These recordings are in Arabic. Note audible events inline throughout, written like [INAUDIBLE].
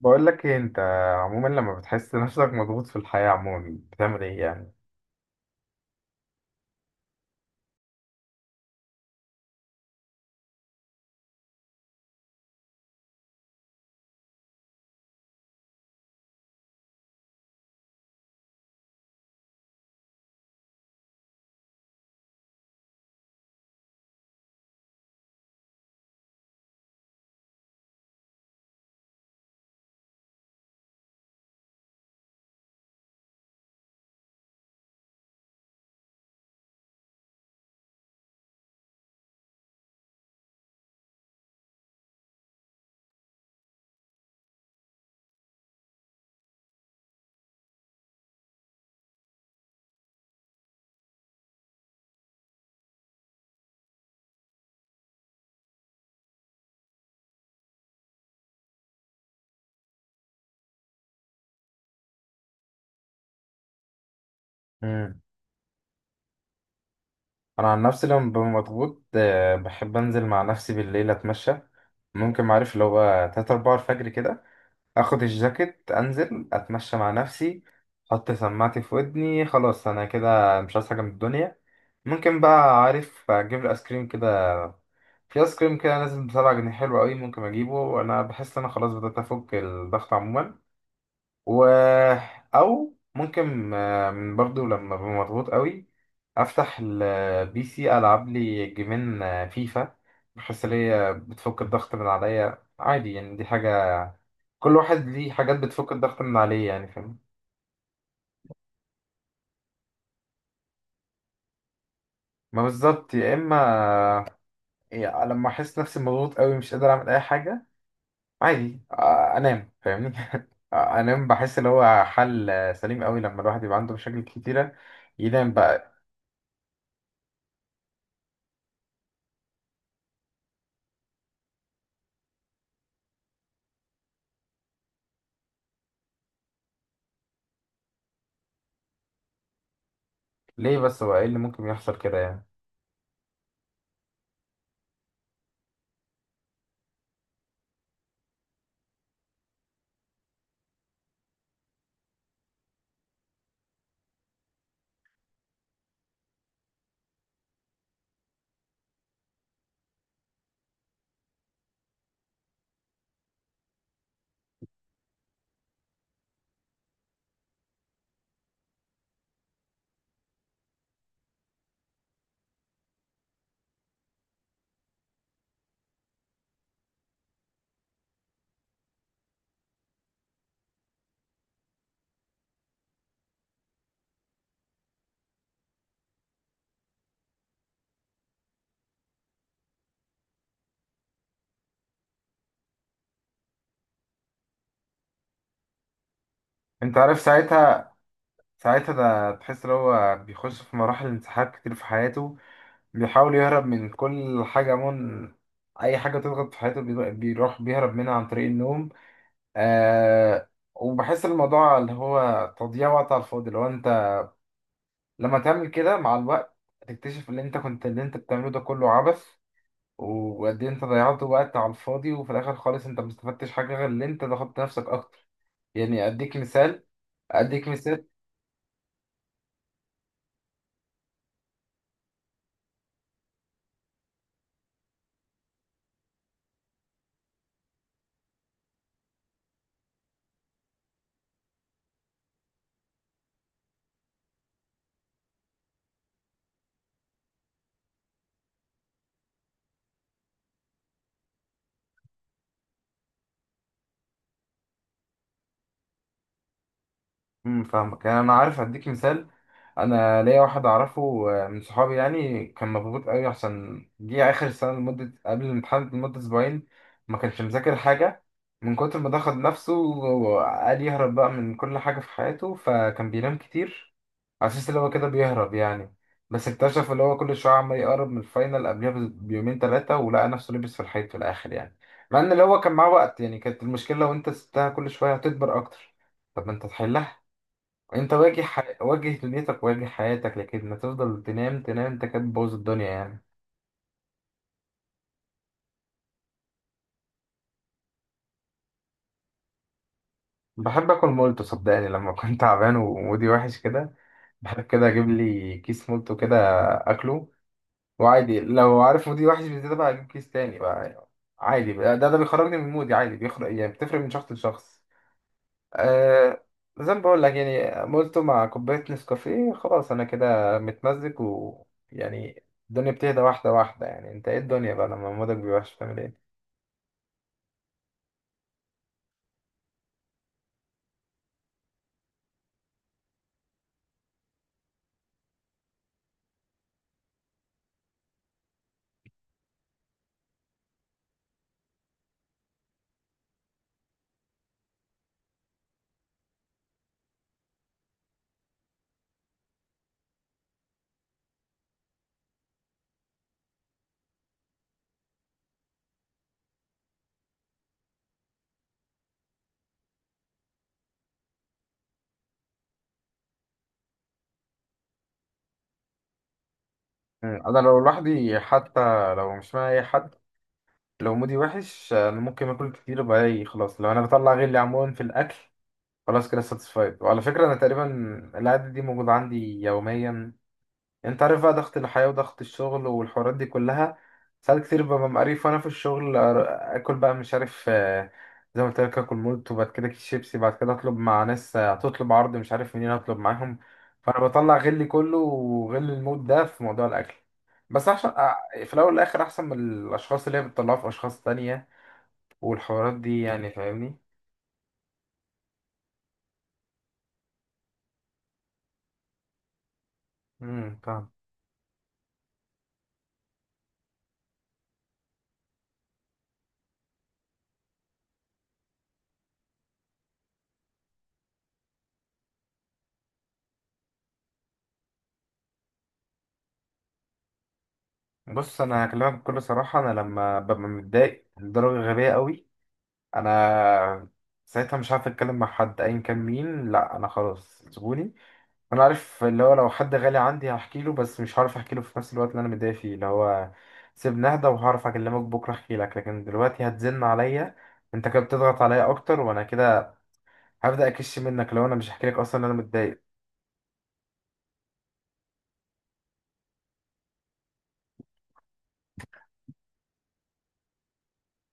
بقول لك ايه، انت عموما لما بتحس نفسك مضغوط في الحياة، عموما بتعمل ايه يعني؟ امم انا عن نفسي لما ببقى مضغوط، بحب انزل مع نفسي بالليل اتمشى. ممكن، معرف، اللي هو 3 4 الفجر كده. اخد الجاكيت، انزل اتمشى مع نفسي. احط سماعتي في ودني، خلاص انا كده مش عايز حاجة من الدنيا. ممكن بقى، عارف، اجيب الايس كريم كده. في ايس كريم كده نازل بسبعة جنيه حلو قوي، ممكن اجيبه، انا بحس ان انا خلاص بدأت افك الضغط عموما. و، او ممكن، برضو لما ابقى مضغوط قوي، افتح البي سي العب لي جيمين، فيفا. بحس ان هي بتفك الضغط من عليا عادي، يعني دي حاجه، كل واحد ليه حاجات بتفك الضغط من عليه يعني. فاهم؟ ما بالظبط يا اما. يعني لما احس نفسي مضغوط قوي مش قادر اعمل اي حاجه، عادي، انام، فاهمني؟ [LAUGHS] انام، بحس اللي هو حل، سليم قوي لما الواحد يبقى عنده مشاكل كتيره. ينام بقى. ليه بس؟ هو ايه اللي ممكن يحصل كده يعني؟ انت عارف ساعتها، ده تحس ان هو بيخش في مراحل انسحاق كتير في حياته، بيحاول يهرب من كل حاجة، من اي حاجة تضغط في حياته، بيروح بيهرب منها عن طريق النوم. آه. وبحس الموضوع اللي هو تضييع وقت على الفاضي، لو انت لما تعمل كده مع الوقت هتكتشف ان انت كنت اللي انت بتعمله ده كله عبث، وقد ايه انت ضيعت وقت على الفاضي. وفي الاخر خالص انت ما استفدتش حاجة غير ان انت ضغطت نفسك اكتر. يعني اديك مثال. اديك مثال فاهمك يعني، انا عارف هديك مثال. انا ليا واحد اعرفه، من صحابي يعني، كان مضغوط قوي عشان جه اخر السنه لمده قبل الامتحان لمده اسبوعين. ما كانش مذاكر حاجه، من كتر ما ضغط نفسه وقال يهرب بقى من كل حاجه في حياته، فكان بينام كتير على اساس اللي هو كده بيهرب يعني. بس اكتشف اللي هو كل شويه عمال يقرب من الفاينل، قبلها بيومين ثلاثه، ولقى نفسه لبس في الحيط في الاخر يعني. مع ان اللي هو كان معاه وقت يعني، كانت المشكله لو انت سبتها كل شويه هتكبر اكتر. طب ما انت تحلها، انت واجه واجه دنيتك، واجه حياتك، لكن ما تفضل تنام تنام، انت كده بتبوظ الدنيا يعني. بحب اكل مولتو، صدقني لما [LAUGHS] كنت تعبان ومودي وحش كده، بحب كده اجيب لي كيس مولتو كده، اكله. وعادي لو عارف مودي وحش بزيادة بقى، اجيب كيس تاني بقى، عادي بقى. ده بيخرجني من مودي عادي، بيخرج يعني. بتفرق من شخص لشخص. أه... زي ما بقول لك يعني، مولتو مع كوباية نسكافيه خلاص انا كده متمزج، و، يعني الدنيا بتهدى واحدة واحدة يعني. انت ايه الدنيا بقى لما مودك بيبقى وحش بتعمل ايه؟ مم. انا لو لوحدي حتى، لو مش معايا اي حد، لو مودي وحش انا ممكن اكل كتير بقى، إيه، خلاص لو انا بطلع غلي عموما في الاكل خلاص كده ساتسفايد. وعلى فكره انا تقريبا العاده دي موجوده عندي يوميا. يعني انت عارف بقى ضغط الحياة وضغط الشغل والحوارات دي كلها، ساعات كتير ببقى مقريف وانا في الشغل، اكل بقى، مش عارف، زي ما قلت لك اكل مولت وبعد كده كيس شيبسي، بعد كده اطلب مع ناس، هتطلب عرض، مش عارف منين اطلب معاهم. فانا بطلع غلي كله وغل الموت ده في موضوع الاكل، بس عشان في الاول والاخر احسن من الاشخاص اللي هي بتطلعها في اشخاص تانية والحوارات دي يعني، فاهمني؟ فاهم. بص انا هكلمك بكل صراحة، انا لما ببقى متضايق لدرجة غبية قوي، انا ساعتها مش عارف اتكلم مع حد ايا كان مين، لا انا خلاص سيبوني، انا عارف اللي هو لو حد غالي عندي هحكي له، بس مش هعرف احكي له في نفس الوقت اللي انا متضايق فيه، اللي هو سيبني اهدى وهعرف اكلمك بكره، احكي لك. لكن دلوقتي هتزن عليا انت كده، بتضغط عليا اكتر وانا كده هبدا اكش منك لو انا مش هحكي لك اصلا إن انا متضايق.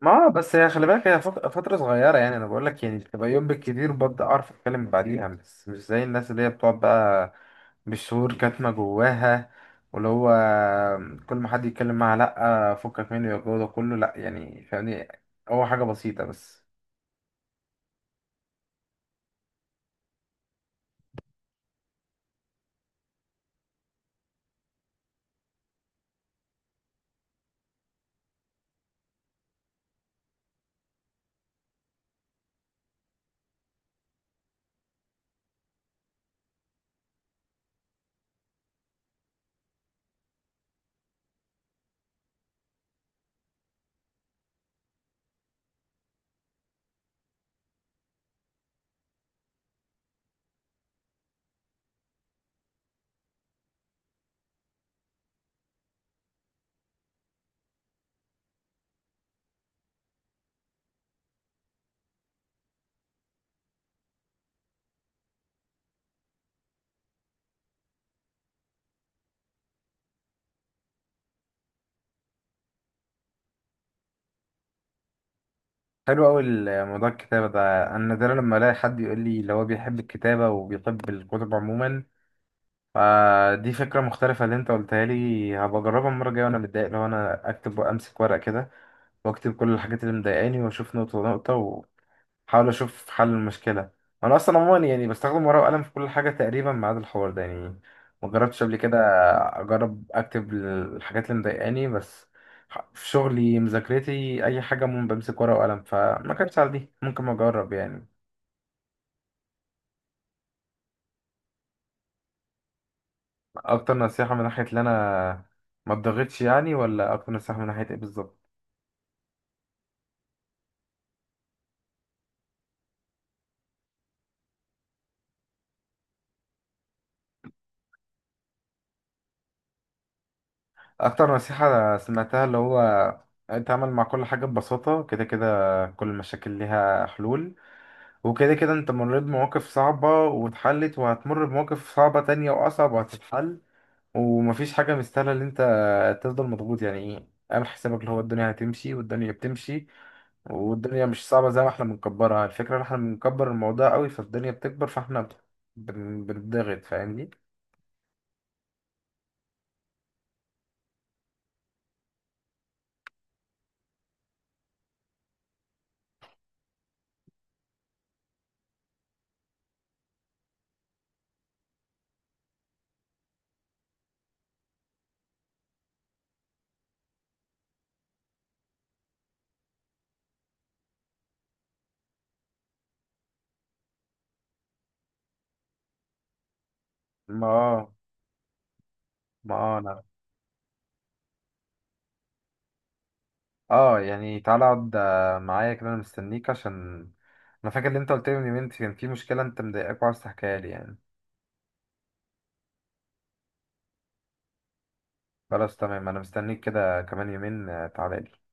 ما بس هي خلي بالك، هي فترة صغيرة يعني. أنا بقول لك يعني تبقى يوم بالكتير، وببدأ أعرف أتكلم بعديها، بس مش زي الناس اللي هي بتقعد بقى بالشهور كاتمة جواها، واللي هو كل ما حد يتكلم معاها لأ فكك منه، يا الجو ده كله لأ يعني، فاهمني؟ هو حاجة بسيطة بس. حلو أوي. موضوع الكتابة ده أنا نادرا لما ألاقي حد يقول لي اللي هو بيحب الكتابة وبيحب الكتب عموما، فدي فكرة مختلفة اللي أنت قلتها لي، هبقى أجربها المرة الجاية وأنا متضايق، لو أنا أكتب وأمسك ورق كده واكتب كل الحاجات اللي مضايقاني، واشوف نقطة نقطة، واحاول اشوف حل المشكلة. انا اصلا عموما يعني بستخدم ورقة وقلم في كل حاجة تقريبا ما عدا الحوار ده يعني، ما جربتش قبل كده. اجرب اكتب الحاجات اللي مضايقاني بس. في شغلي، مذاكرتي، اي حاجة، بمسك ورقة وقلم، فما كانتش على دي، ممكن ما اجرب يعني. اكتر نصيحة من ناحية ان انا ما اتضغطش يعني، ولا اكتر نصيحة من ناحية ايه بالظبط؟ اكتر نصيحة سمعتها اللي هو اتعامل مع كل حاجة ببساطة، كده كده كل المشاكل ليها حلول، وكده كده انت مريت بمواقف صعبة واتحلت، وهتمر بمواقف صعبة تانية واصعب وهتتحل، ومفيش حاجة مستاهلة ان انت تفضل مضغوط يعني. ايه، اعمل حسابك اللي هو الدنيا هتمشي، والدنيا بتمشي، والدنيا مش صعبة زي ما احنا بنكبرها، الفكرة ان احنا بنكبر الموضوع قوي فالدنيا بتكبر، فاحنا بنضغط، فاهمني؟ ما آه، ما اه يعني تعالى اقعد معايا كده، انا مستنيك عشان انا فاكر اللي انت قلت لي من يومين كان في مشكله انت مضايقاك وعايز تحكيها لي يعني. خلاص تمام، انا مستنيك كده كمان يومين. تعالى لي.